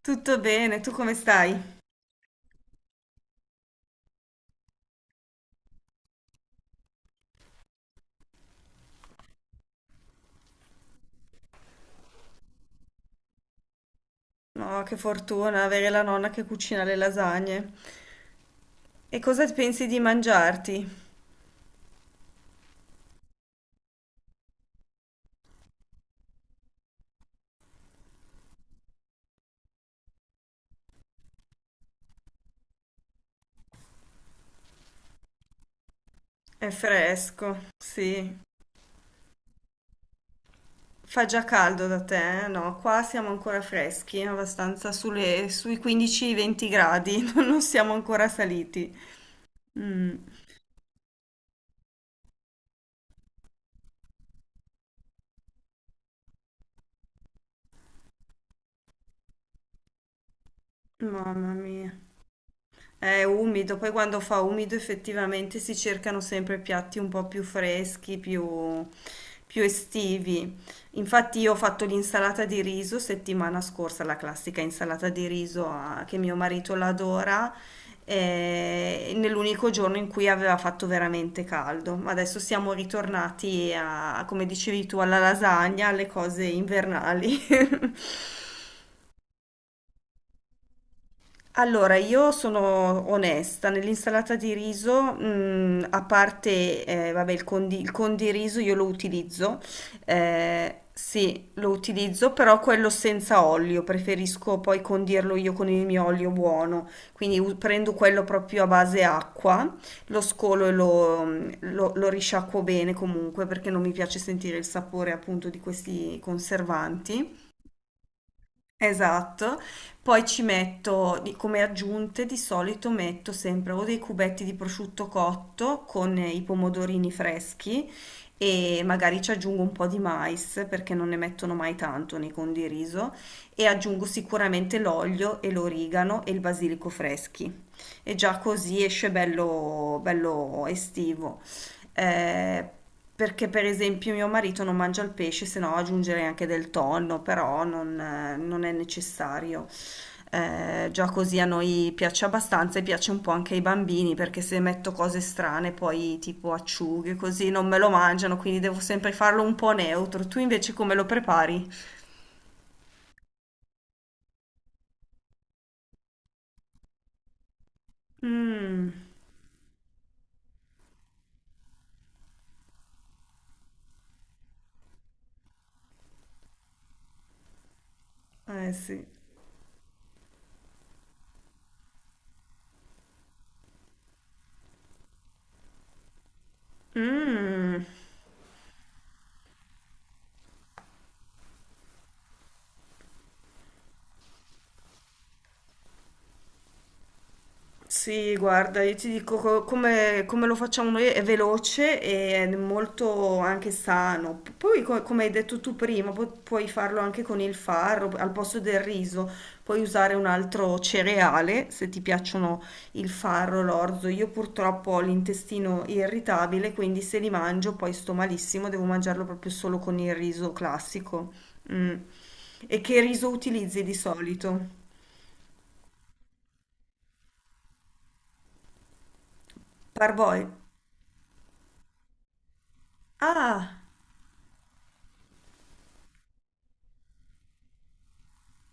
Tutto bene, tu come stai? No, che fortuna avere la nonna che cucina le lasagne. E cosa pensi di mangiarti? È fresco, sì. Fa già caldo da te, eh? No, qua siamo ancora freschi, abbastanza sui 15-20 gradi, non siamo ancora saliti. Mm, mamma mia. È umido, poi quando fa umido effettivamente si cercano sempre piatti un po' più freschi, più, più estivi. Infatti io ho fatto l'insalata di riso settimana scorsa, la classica insalata di riso, ah, che mio marito l'adora, nell'unico giorno in cui aveva fatto veramente caldo. Ma adesso siamo ritornati a, come dicevi tu, alla lasagna, alle cose invernali. Allora, io sono onesta, nell'insalata di riso, a parte, vabbè, il condiriso io lo utilizzo, sì, lo utilizzo, però quello senza olio, preferisco poi condirlo io con il mio olio buono, quindi prendo quello proprio a base acqua, lo scolo e lo risciacquo bene comunque, perché non mi piace sentire il sapore appunto di questi conservanti. Esatto, poi ci metto come aggiunte di solito metto sempre o dei cubetti di prosciutto cotto con i pomodorini freschi e magari ci aggiungo un po' di mais perché non ne mettono mai tanto nei condiriso, e aggiungo sicuramente l'olio e l'origano e il basilico freschi, e già così esce bello, bello estivo. Eh, perché per esempio mio marito non mangia il pesce, se no aggiungerei anche del tonno, però non, non è necessario. Già così a noi piace abbastanza e piace un po' anche ai bambini, perché se metto cose strane, poi tipo acciughe, così non me lo mangiano, quindi devo sempre farlo un po' neutro. Tu invece come lo prepari? Mm, eh sì. Mm. Sì, guarda, io ti dico come, come lo facciamo noi è veloce e è molto anche sano. P- Poi, come hai detto tu prima, puoi farlo anche con il farro al posto del riso. Puoi usare un altro cereale se ti piacciono il farro, l'orzo. Io purtroppo ho l'intestino irritabile, quindi se li mangio poi sto malissimo, devo mangiarlo proprio solo con il riso classico. Mm. E che riso utilizzi di solito? Parboil. Ah!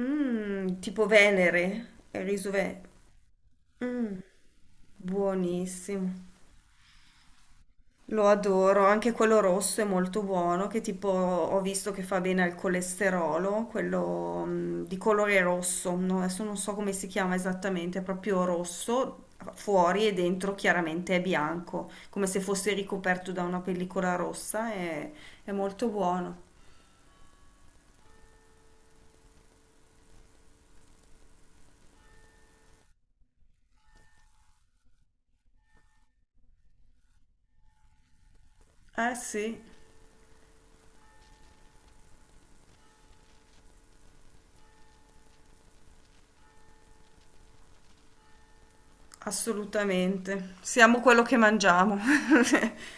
Mm, tipo Venere, il riso ve- Mm, buonissimo. Lo adoro, anche quello rosso è molto buono, che tipo ho visto che fa bene al colesterolo, quello, di colore rosso, no, adesso non so come si chiama esattamente, è proprio rosso fuori e dentro chiaramente è bianco, come se fosse ricoperto da una pellicola rossa, è molto buono. Eh sì, assolutamente. Siamo quello che mangiamo.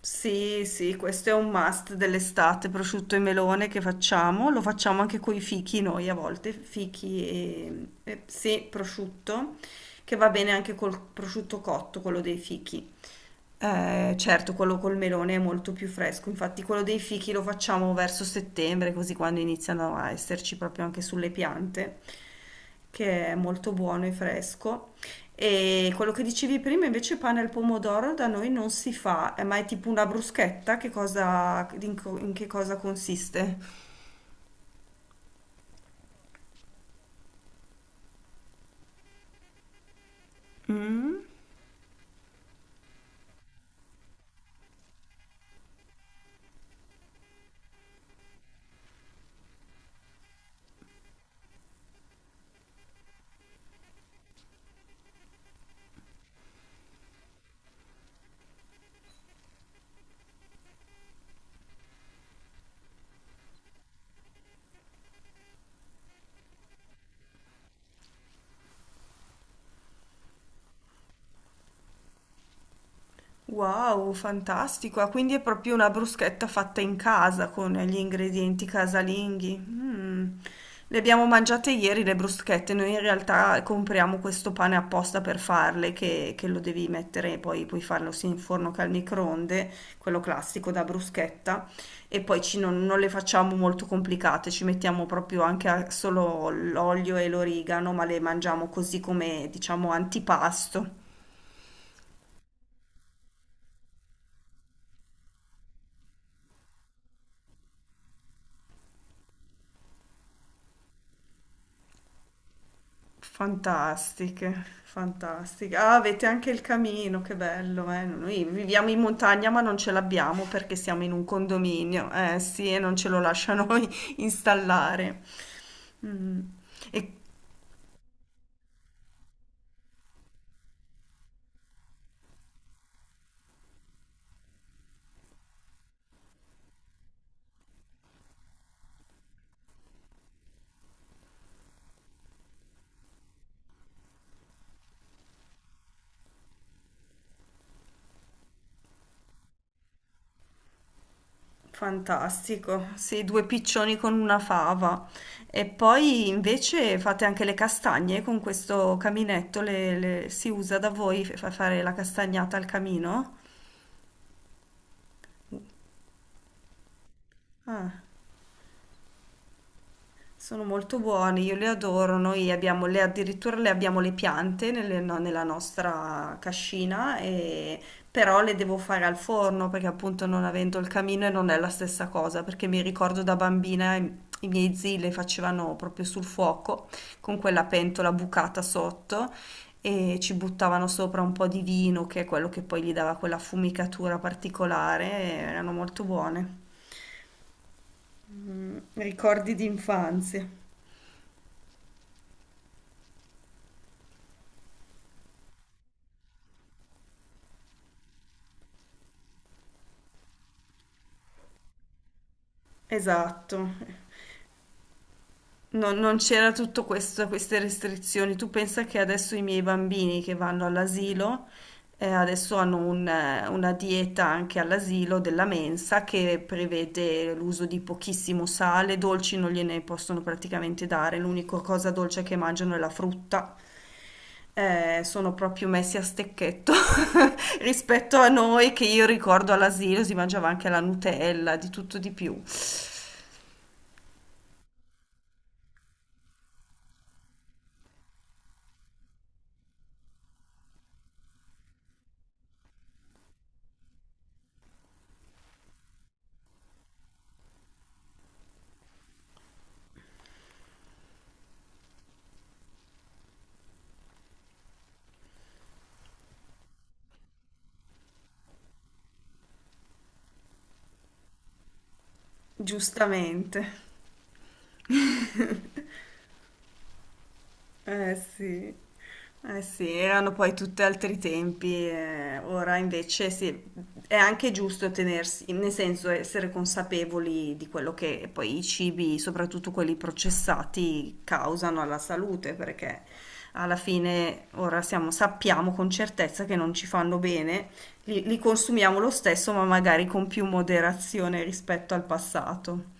Sì, sì, questo è un must dell'estate, prosciutto e melone che facciamo, lo facciamo anche con i fichi noi a volte, fichi sì, prosciutto, che va bene anche col prosciutto cotto, quello dei fichi. Certo, quello col melone è molto più fresco, infatti quello dei fichi lo facciamo verso settembre, così quando iniziano a esserci proprio anche sulle piante, che è molto buono e fresco. E quello che dicevi prima invece pane al pomodoro da noi non si fa, ma è tipo una bruschetta, che cosa, in che cosa consiste? Mm. Wow, fantastico! Ah, quindi è proprio una bruschetta fatta in casa con gli ingredienti casalinghi. Mm. Le abbiamo mangiate ieri le bruschette, noi in realtà compriamo questo pane apposta per farle, che lo devi mettere, poi puoi farlo sia in forno che al microonde, quello classico da bruschetta, e poi non le facciamo molto complicate, ci mettiamo proprio solo l'olio e l'origano, ma le mangiamo così come, diciamo, antipasto. Fantastiche, fantastiche. Ah, avete anche il camino, che bello, eh. Noi viviamo in montagna ma non ce l'abbiamo perché siamo in un condominio, eh sì, e non ce lo lasciano installare. Mm. E fantastico, sì, due piccioni con una fava. E poi invece fate anche le castagne con questo caminetto, si usa da voi fare la castagnata al camino? Ah. Sono molto buoni, io li adoro. Noi abbiamo le, addirittura le abbiamo le piante nella nostra cascina, e- però le devo fare al forno perché appunto non avendo il camino e non è la stessa cosa, perché mi ricordo da bambina i miei zii le facevano proprio sul fuoco con quella pentola bucata sotto e ci buttavano sopra un po' di vino, che è quello che poi gli dava quella fumicatura particolare, e erano molto buone. Mm, ricordi di infanzia. Esatto. Non c'era tutto questo, queste restrizioni. Tu pensa che adesso i miei bambini che vanno all'asilo, adesso hanno una dieta anche all'asilo della mensa che prevede l'uso di pochissimo sale, dolci non gliene possono praticamente dare, l'unica cosa dolce che mangiano è la frutta. Sono proprio messi a stecchetto rispetto a noi che io ricordo all'asilo si mangiava anche la Nutella, di tutto di più. Giustamente. Eh sì, eh sì, erano poi tutti altri tempi, ora invece sì, è anche giusto tenersi, nel senso essere consapevoli di quello che poi i cibi, soprattutto quelli processati, causano alla salute, perché alla fine ora sappiamo con certezza che non ci fanno bene, li consumiamo lo stesso, ma magari con più moderazione rispetto al passato.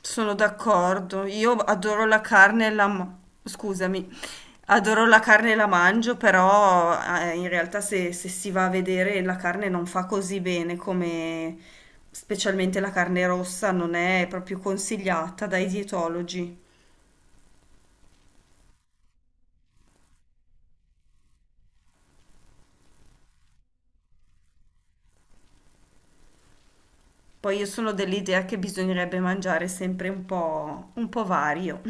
Sono d'accordo, io adoro la carne e la... scusami, adoro la carne e la mangio, però in realtà se si va a vedere la carne non fa così bene come specialmente la carne rossa non è proprio consigliata dai dietologi. Poi io sono dell'idea che bisognerebbe mangiare sempre un po' vario.